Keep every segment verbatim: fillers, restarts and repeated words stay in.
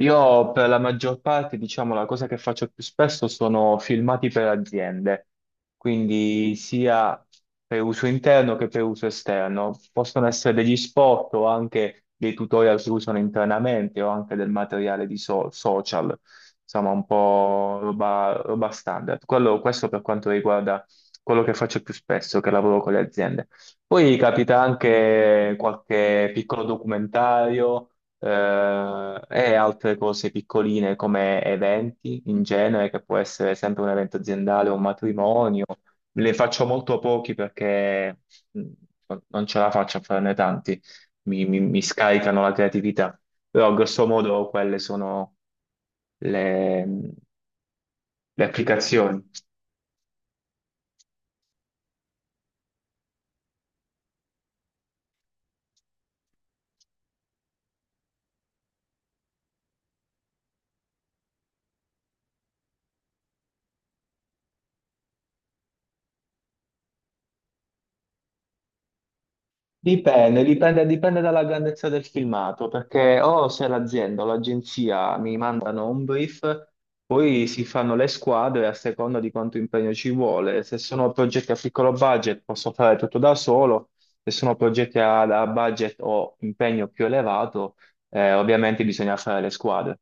Io per la maggior parte, diciamo, la cosa che faccio più spesso sono filmati per aziende, quindi sia per uso interno che per uso esterno. Possono essere degli spot o anche dei tutorial che usano internamente o anche del materiale di so- social, insomma, un po' roba, roba standard. Quello- questo per quanto riguarda quello che faccio più spesso, che lavoro con le aziende. Poi capita anche qualche piccolo documentario eh, e altre cose piccoline come eventi in genere, che può essere sempre un evento aziendale o un matrimonio. Le faccio molto pochi perché mh, non ce la faccio a farne tanti, mi, mi- mi scaricano la creatività, però grosso modo quelle sono le mm, le applicazioni. Dipende, dipende, dipende dalla grandezza del filmato, perché o se l'azienda o l'agenzia mi mandano un brief, poi si fanno le squadre a seconda di quanto impegno ci vuole. Se sono progetti a piccolo budget posso fare tutto da solo, se sono progetti a, a budget o impegno più elevato, eh, ovviamente bisogna fare le squadre.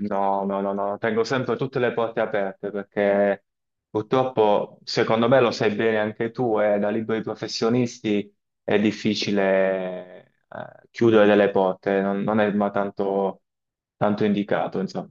No, no, no, no, tengo sempre tutte le porte aperte perché purtroppo, secondo me lo sai bene anche tu, eh, da liberi professionisti è difficile eh, chiudere delle porte, non, non è ma tanto, tanto indicato, insomma.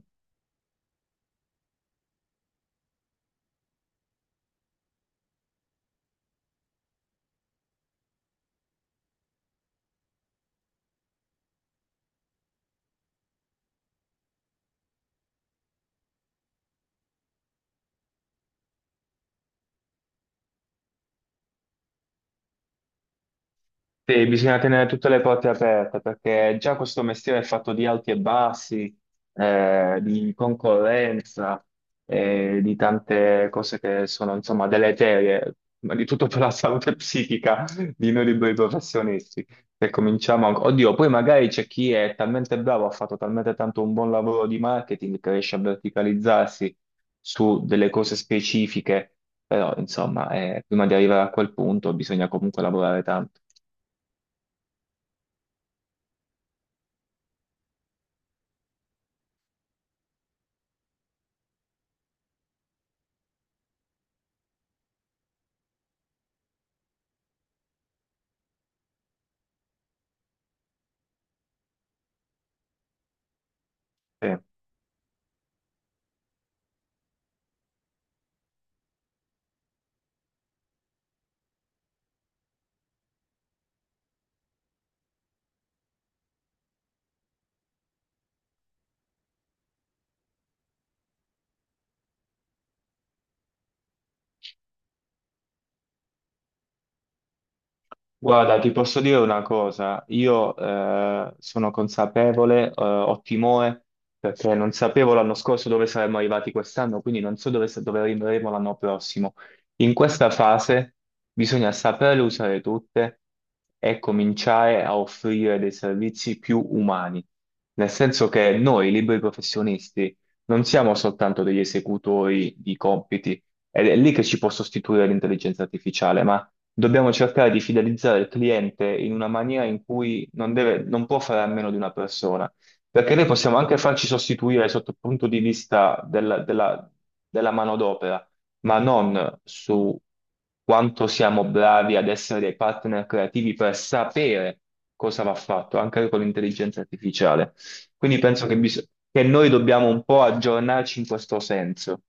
Sì, bisogna tenere tutte le porte aperte perché già questo mestiere è fatto di alti e bassi, eh, di concorrenza, eh, di tante cose che sono insomma deleterie, ma di tutto per la salute psichica di noi liberi professionisti. Se cominciamo, a- oddio, poi magari c'è chi è talmente bravo, ha fatto talmente tanto un buon lavoro di marketing che riesce a verticalizzarsi su delle cose specifiche, però insomma, eh, prima di arrivare a quel punto bisogna comunque lavorare tanto. Sì. Guarda, ti posso dire una cosa, io eh, sono consapevole, eh, ho timore perché non sapevo l'anno scorso dove saremmo arrivati quest'anno, quindi non so dove, sa- dove arriveremo l'anno prossimo. In questa fase bisogna saperle usare tutte e cominciare a offrire dei servizi più umani, nel senso che noi, liberi professionisti, non siamo soltanto degli esecutori di compiti, ed è lì che ci può sostituire l'intelligenza artificiale. Dobbiamo cercare di fidelizzare il cliente in una maniera in cui non deve- non può fare a meno di una persona, perché noi possiamo anche farci sostituire sotto il punto di vista della, della, della manodopera, ma non su quanto siamo bravi ad essere dei partner creativi per sapere cosa va fatto, anche con l'intelligenza artificiale. Quindi penso che, bis- che noi dobbiamo un po' aggiornarci in questo senso.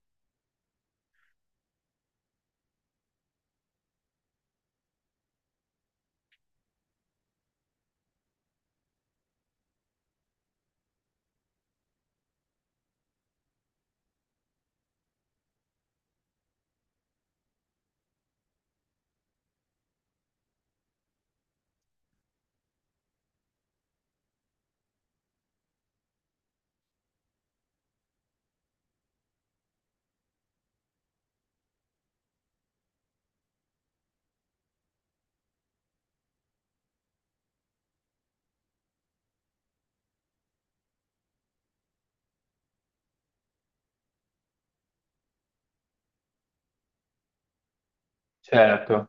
Certo.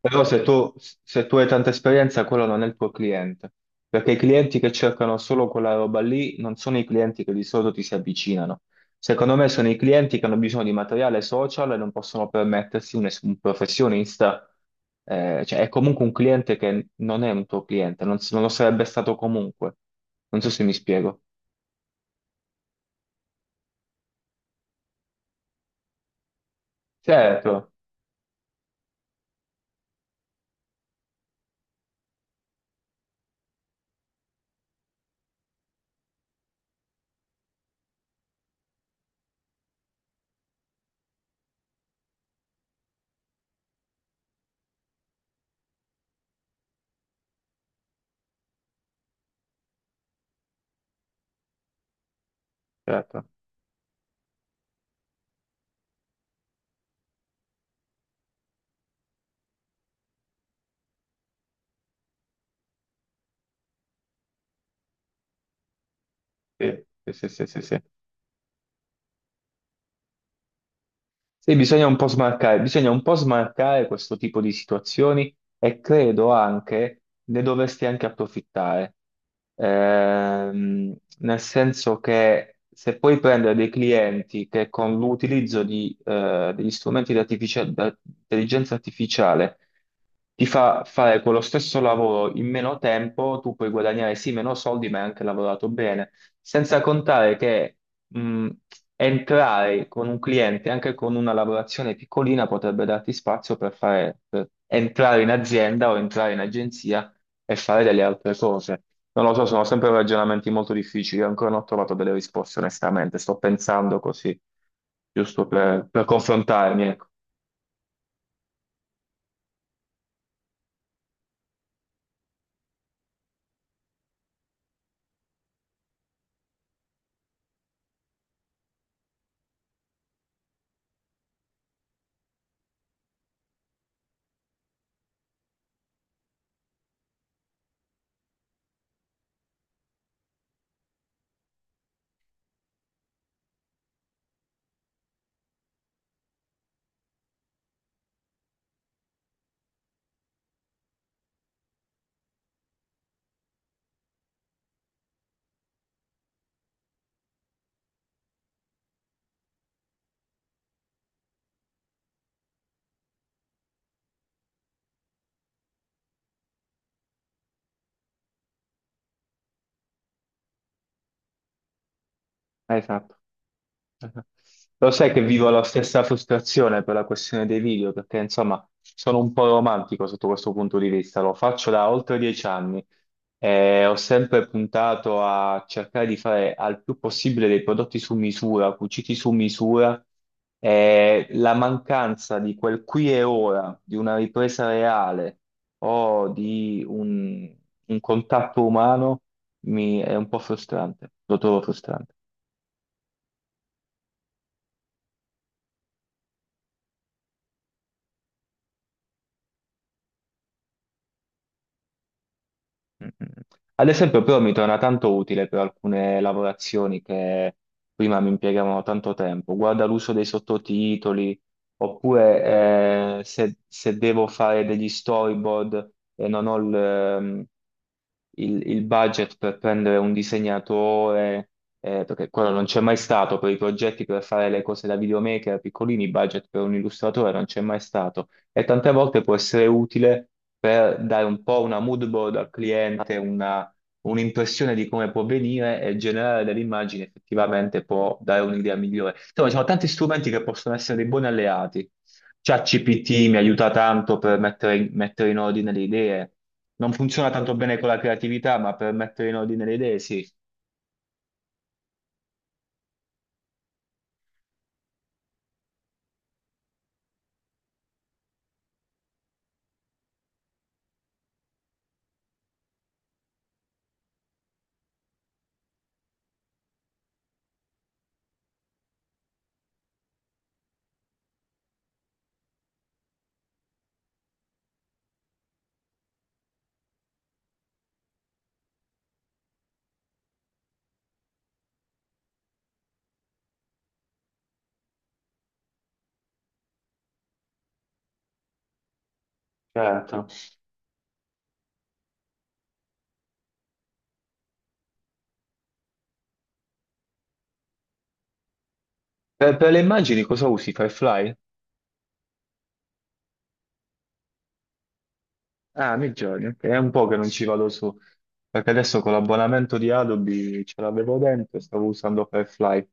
Però se tu, se tu hai tanta esperienza, quello non è il tuo cliente, perché i clienti che cercano solo quella roba lì non sono i clienti che di solito ti si avvicinano. Secondo me sono i clienti che hanno bisogno di materiale social e non possono permettersi un, es- un professionista, eh, cioè è comunque un cliente che non è un tuo cliente, non, s- non lo sarebbe stato comunque. Non so se mi spiego. Certo, certo, sì, sì, sì, sì. Sì. Sì, bisogna un po' smarcare, bisogna un po' smarcare questo tipo di situazioni e credo anche ne dovresti anche approfittare. Ehm, Nel senso che se puoi prendere dei clienti che con l'utilizzo di, eh, degli strumenti di artificia- di intelligenza artificiale ti fa fare quello stesso lavoro in meno tempo, tu puoi guadagnare sì meno soldi, ma hai anche lavorato bene. Senza contare che mh, entrare con un cliente, anche con una lavorazione piccolina, potrebbe darti spazio per fare, per entrare in azienda o entrare in agenzia e fare delle altre cose. Non lo so, sono sempre ragionamenti molto difficili, ancora non ho trovato delle risposte, onestamente. Sto pensando così, giusto per, per confrontarmi, ecco. Esatto. Lo sai che vivo la stessa frustrazione per la questione dei video, perché insomma sono un po' romantico sotto questo punto di vista, lo faccio da oltre dieci anni e ho sempre puntato a cercare di fare al più possibile dei prodotti su misura, cuciti su misura e la mancanza di quel qui e ora, di una ripresa reale o di un, un contatto umano mi è un po' frustrante, lo trovo frustrante. Mm. Ad esempio, però mi torna tanto utile per alcune lavorazioni che prima mi impiegavano tanto tempo. Guarda l'uso dei sottotitoli, oppure eh, se, se devo fare degli storyboard e non ho il, ehm, il- il budget per prendere un disegnatore, eh, perché quello non c'è mai stato per i progetti per fare le cose da videomaker piccolini, budget per un illustratore non c'è mai stato. E tante volte può essere utile per dare un po' una mood board al cliente, una- un'impressione di come può venire e generare delle immagini effettivamente può dare un'idea migliore. Insomma, ci sono tanti strumenti che possono essere dei buoni alleati. ChatGPT mi aiuta tanto per mettere, mettere in ordine le idee. Non funziona tanto bene con la creatività, ma per mettere in ordine le idee sì. Certo. Per, per le immagini cosa usi? Firefly? Ah, nei giorni, ok. È un po' che non ci vado su, perché adesso con l'abbonamento di Adobe ce l'avevo dentro e stavo usando Firefly.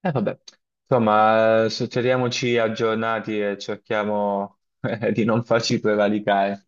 E vabbè, insomma, eh, so- teniamoci aggiornati e cerchiamo eh, di non farci prevaricare.